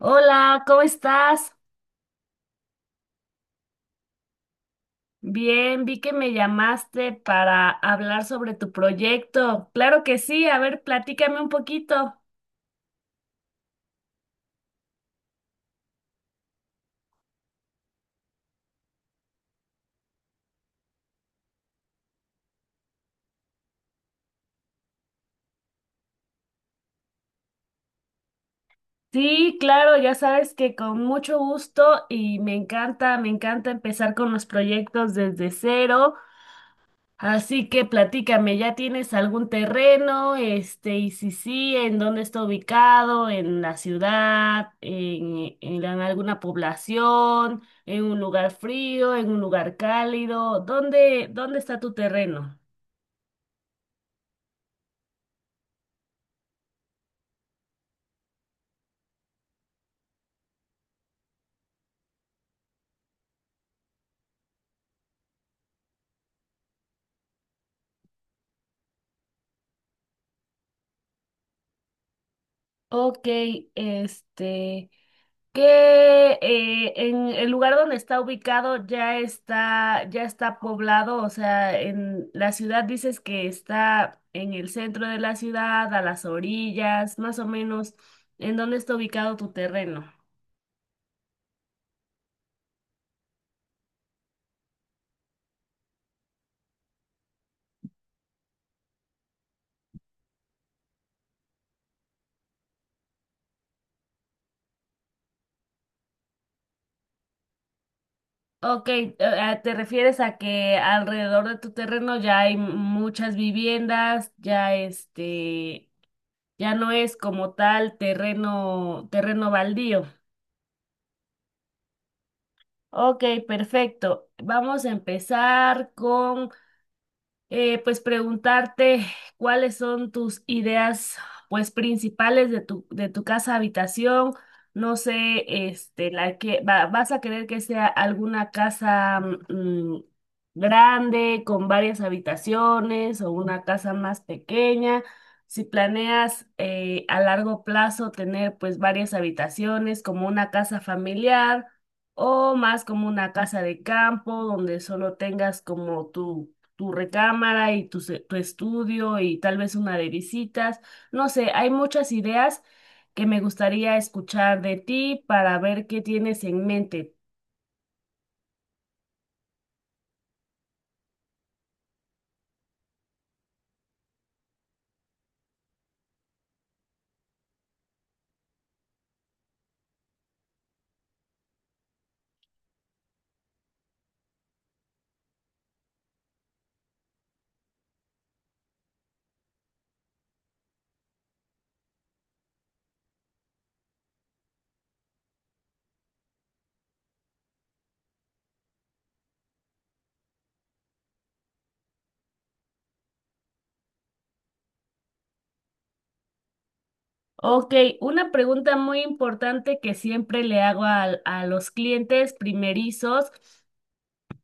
Hola, ¿cómo estás? Bien, vi que me llamaste para hablar sobre tu proyecto. Claro que sí, a ver, platícame un poquito. Sí, claro, ya sabes que con mucho gusto y me encanta empezar con los proyectos desde cero. Así que platícame, ¿ya tienes algún terreno? Este, y si sí, ¿en dónde está ubicado? ¿En la ciudad? En alguna población? ¿En un lugar frío? ¿En un lugar cálido? Dónde está tu terreno? Ok, este. Que en el lugar donde está ubicado ya está poblado, o sea, en la ciudad dices que está en el centro de la ciudad, a las orillas, más o menos, ¿en dónde está ubicado tu terreno? Ok, te refieres a que alrededor de tu terreno ya hay muchas viviendas, ya este, ya no es como tal terreno baldío. Ok, perfecto. Vamos a empezar con pues preguntarte cuáles son tus ideas pues principales de de tu casa habitación. No sé, este, la que vas a querer que sea alguna casa mm, grande con varias habitaciones o una casa más pequeña. Si planeas a largo plazo tener pues varias habitaciones como una casa familiar o más como una casa de campo donde solo tengas como tu recámara y tu estudio y tal vez una de visitas. No sé, hay muchas ideas que me gustaría escuchar de ti para ver qué tienes en mente. Ok, una pregunta muy importante que siempre le hago a los clientes primerizos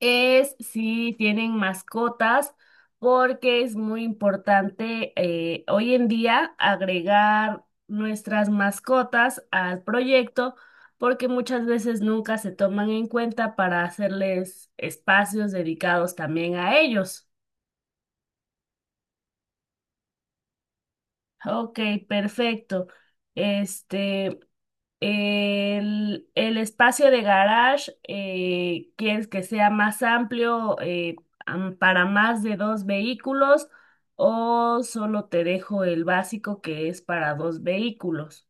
es si tienen mascotas, porque es muy importante hoy en día agregar nuestras mascotas al proyecto, porque muchas veces nunca se toman en cuenta para hacerles espacios dedicados también a ellos. Ok, perfecto. Este. El espacio de garage, ¿quieres que sea más amplio para más de dos vehículos o solo te dejo el básico que es para dos vehículos?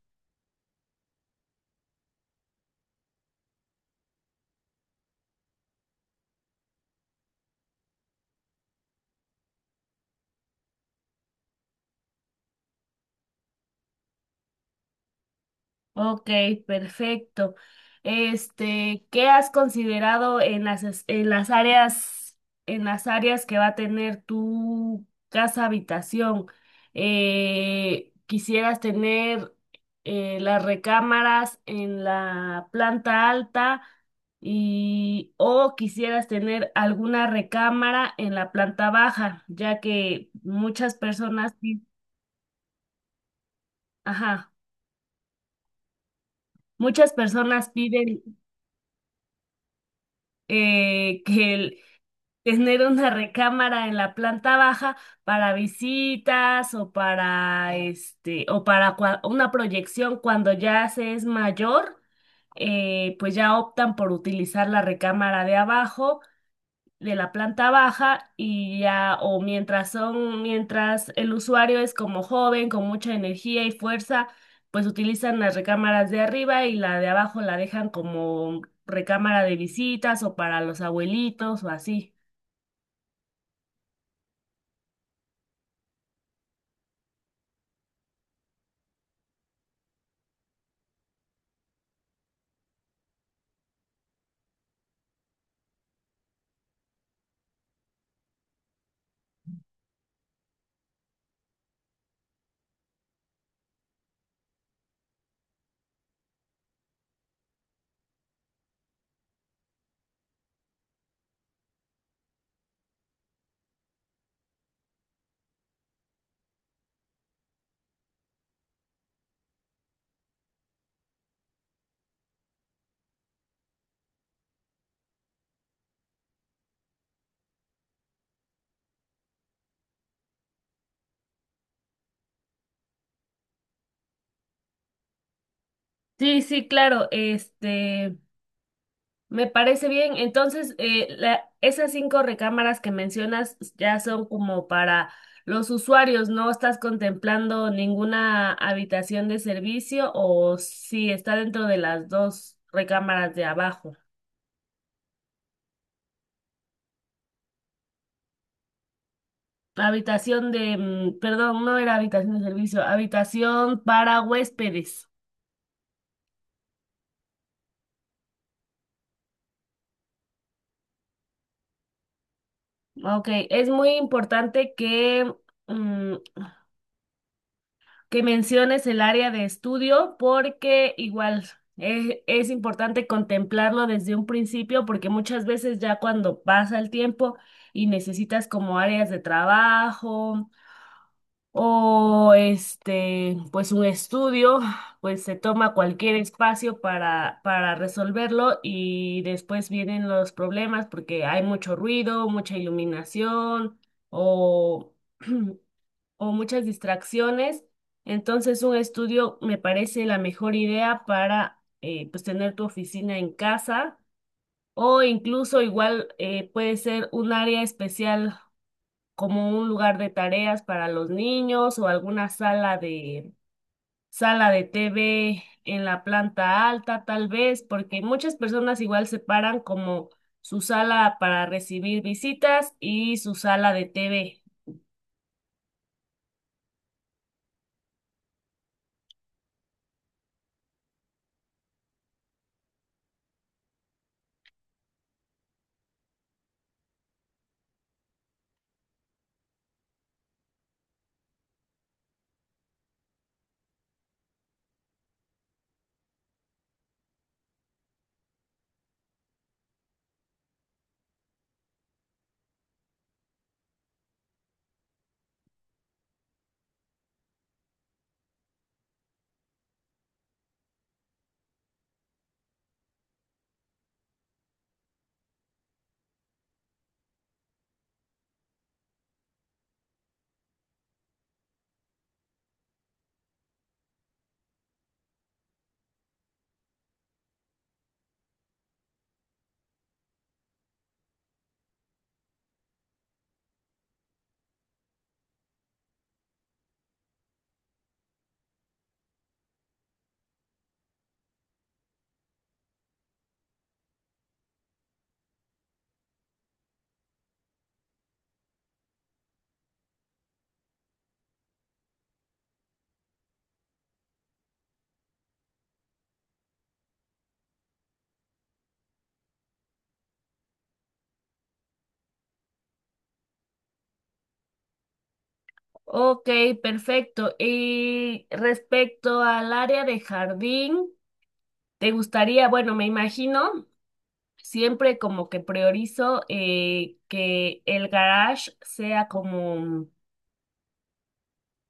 Ok, perfecto. Este, ¿qué has considerado en en las áreas que va a tener tu casa habitación? ¿Quisieras tener las recámaras en la planta alta y o quisieras tener alguna recámara en la planta baja, ya que muchas ajá, muchas personas piden que tener una recámara en la planta baja para visitas o para este o para una proyección cuando ya se es mayor, pues ya optan por utilizar la recámara de abajo de la planta baja y ya o mientras el usuario es como joven con mucha energía y fuerza, pues utilizan las recámaras de arriba y la de abajo la dejan como recámara de visitas o para los abuelitos o así. Sí, claro, este, me parece bien. Entonces, esas cinco recámaras que mencionas ya son como para los usuarios, ¿no estás contemplando ninguna habitación de servicio o si está dentro de las dos recámaras de abajo? Habitación de, perdón, no era habitación de servicio, habitación para huéspedes. Ok, es muy importante que mm, que menciones el área de estudio porque igual es, importante contemplarlo desde un principio porque muchas veces ya cuando pasa el tiempo y necesitas como áreas de trabajo o este pues un estudio, pues se toma cualquier espacio para resolverlo y después vienen los problemas porque hay mucho ruido, mucha iluminación o o muchas distracciones. Entonces, un estudio me parece la mejor idea para pues tener tu oficina en casa o incluso igual puede ser un área especial como un lugar de tareas para los niños o alguna sala de TV en la planta alta, tal vez, porque muchas personas igual separan como su sala para recibir visitas y su sala de TV. Ok, perfecto. Y respecto al área de jardín, ¿te gustaría, bueno, me imagino, siempre como que priorizo que el garage sea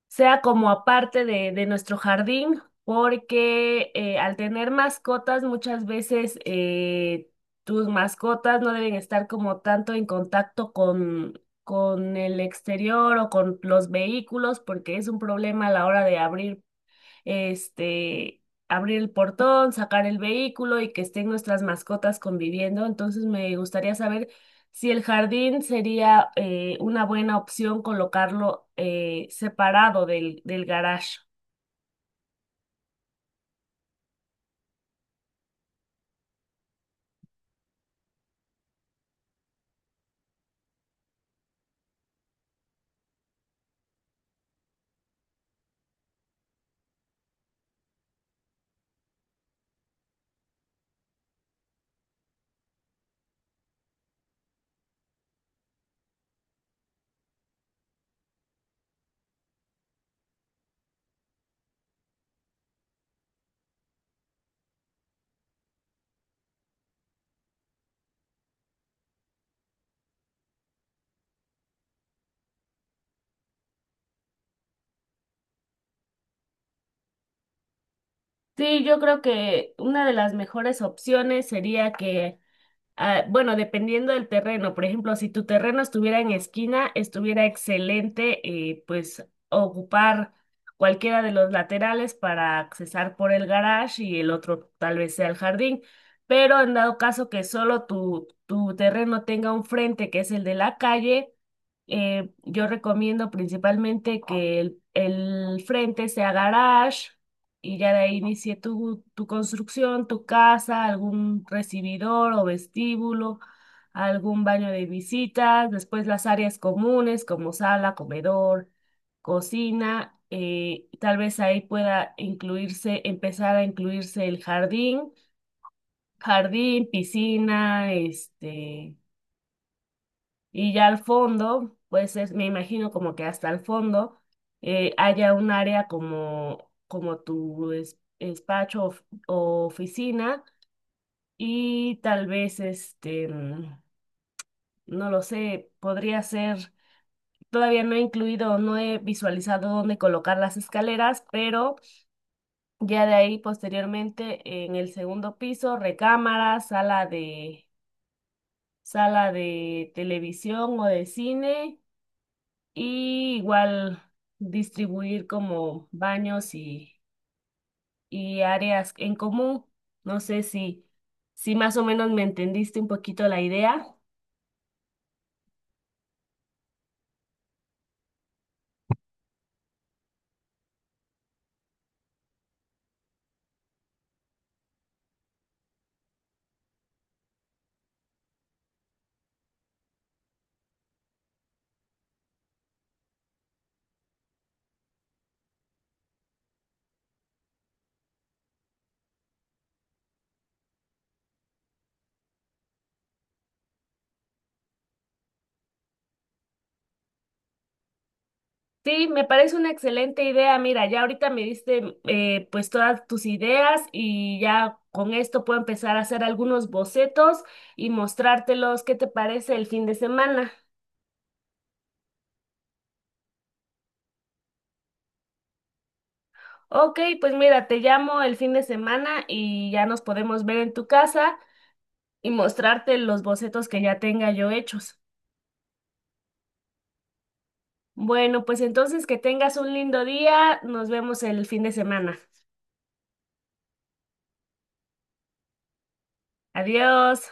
sea como aparte de nuestro jardín, porque al tener mascotas muchas veces tus mascotas no deben estar como tanto en contacto con el exterior o con los vehículos porque es un problema a la hora de abrir este, abrir el portón, sacar el vehículo y que estén nuestras mascotas conviviendo. Entonces me gustaría saber si el jardín sería una buena opción colocarlo separado del garage. Sí, yo creo que una de las mejores opciones sería que... Ah, bueno, dependiendo del terreno, por ejemplo, si tu terreno estuviera en esquina, estuviera excelente, pues ocupar cualquiera de los laterales para accesar por el garage y el otro tal vez sea el jardín, pero en dado caso que solo tu terreno tenga un frente que es el de la calle, yo recomiendo principalmente que el frente sea garage y ya de ahí inicié tu construcción, tu casa, algún recibidor o vestíbulo, algún baño de visitas, después las áreas comunes como sala, comedor, cocina. Tal vez ahí pueda incluirse, empezar a incluirse el jardín, jardín, piscina, este, y ya al fondo, pues es, me imagino como que hasta el fondo haya un área como, como tu despacho o oficina y tal vez este, no lo sé, podría ser, todavía no he incluido, no he visualizado dónde colocar las escaleras, pero ya de ahí posteriormente en el segundo piso, recámara, sala de televisión o de cine. Y igual distribuir como y áreas en común. No sé si, si más o menos me entendiste un poquito la idea. Sí, me parece una excelente idea. Mira, ya ahorita me diste pues todas tus ideas y ya con esto puedo empezar a hacer algunos bocetos y mostrártelos. ¿Qué te parece el fin de semana? Ok, pues mira, te llamo el fin de semana y ya nos podemos ver en tu casa y mostrarte los bocetos que ya tenga yo hechos. Bueno, pues entonces que tengas un lindo día. Nos vemos el fin de semana. Adiós.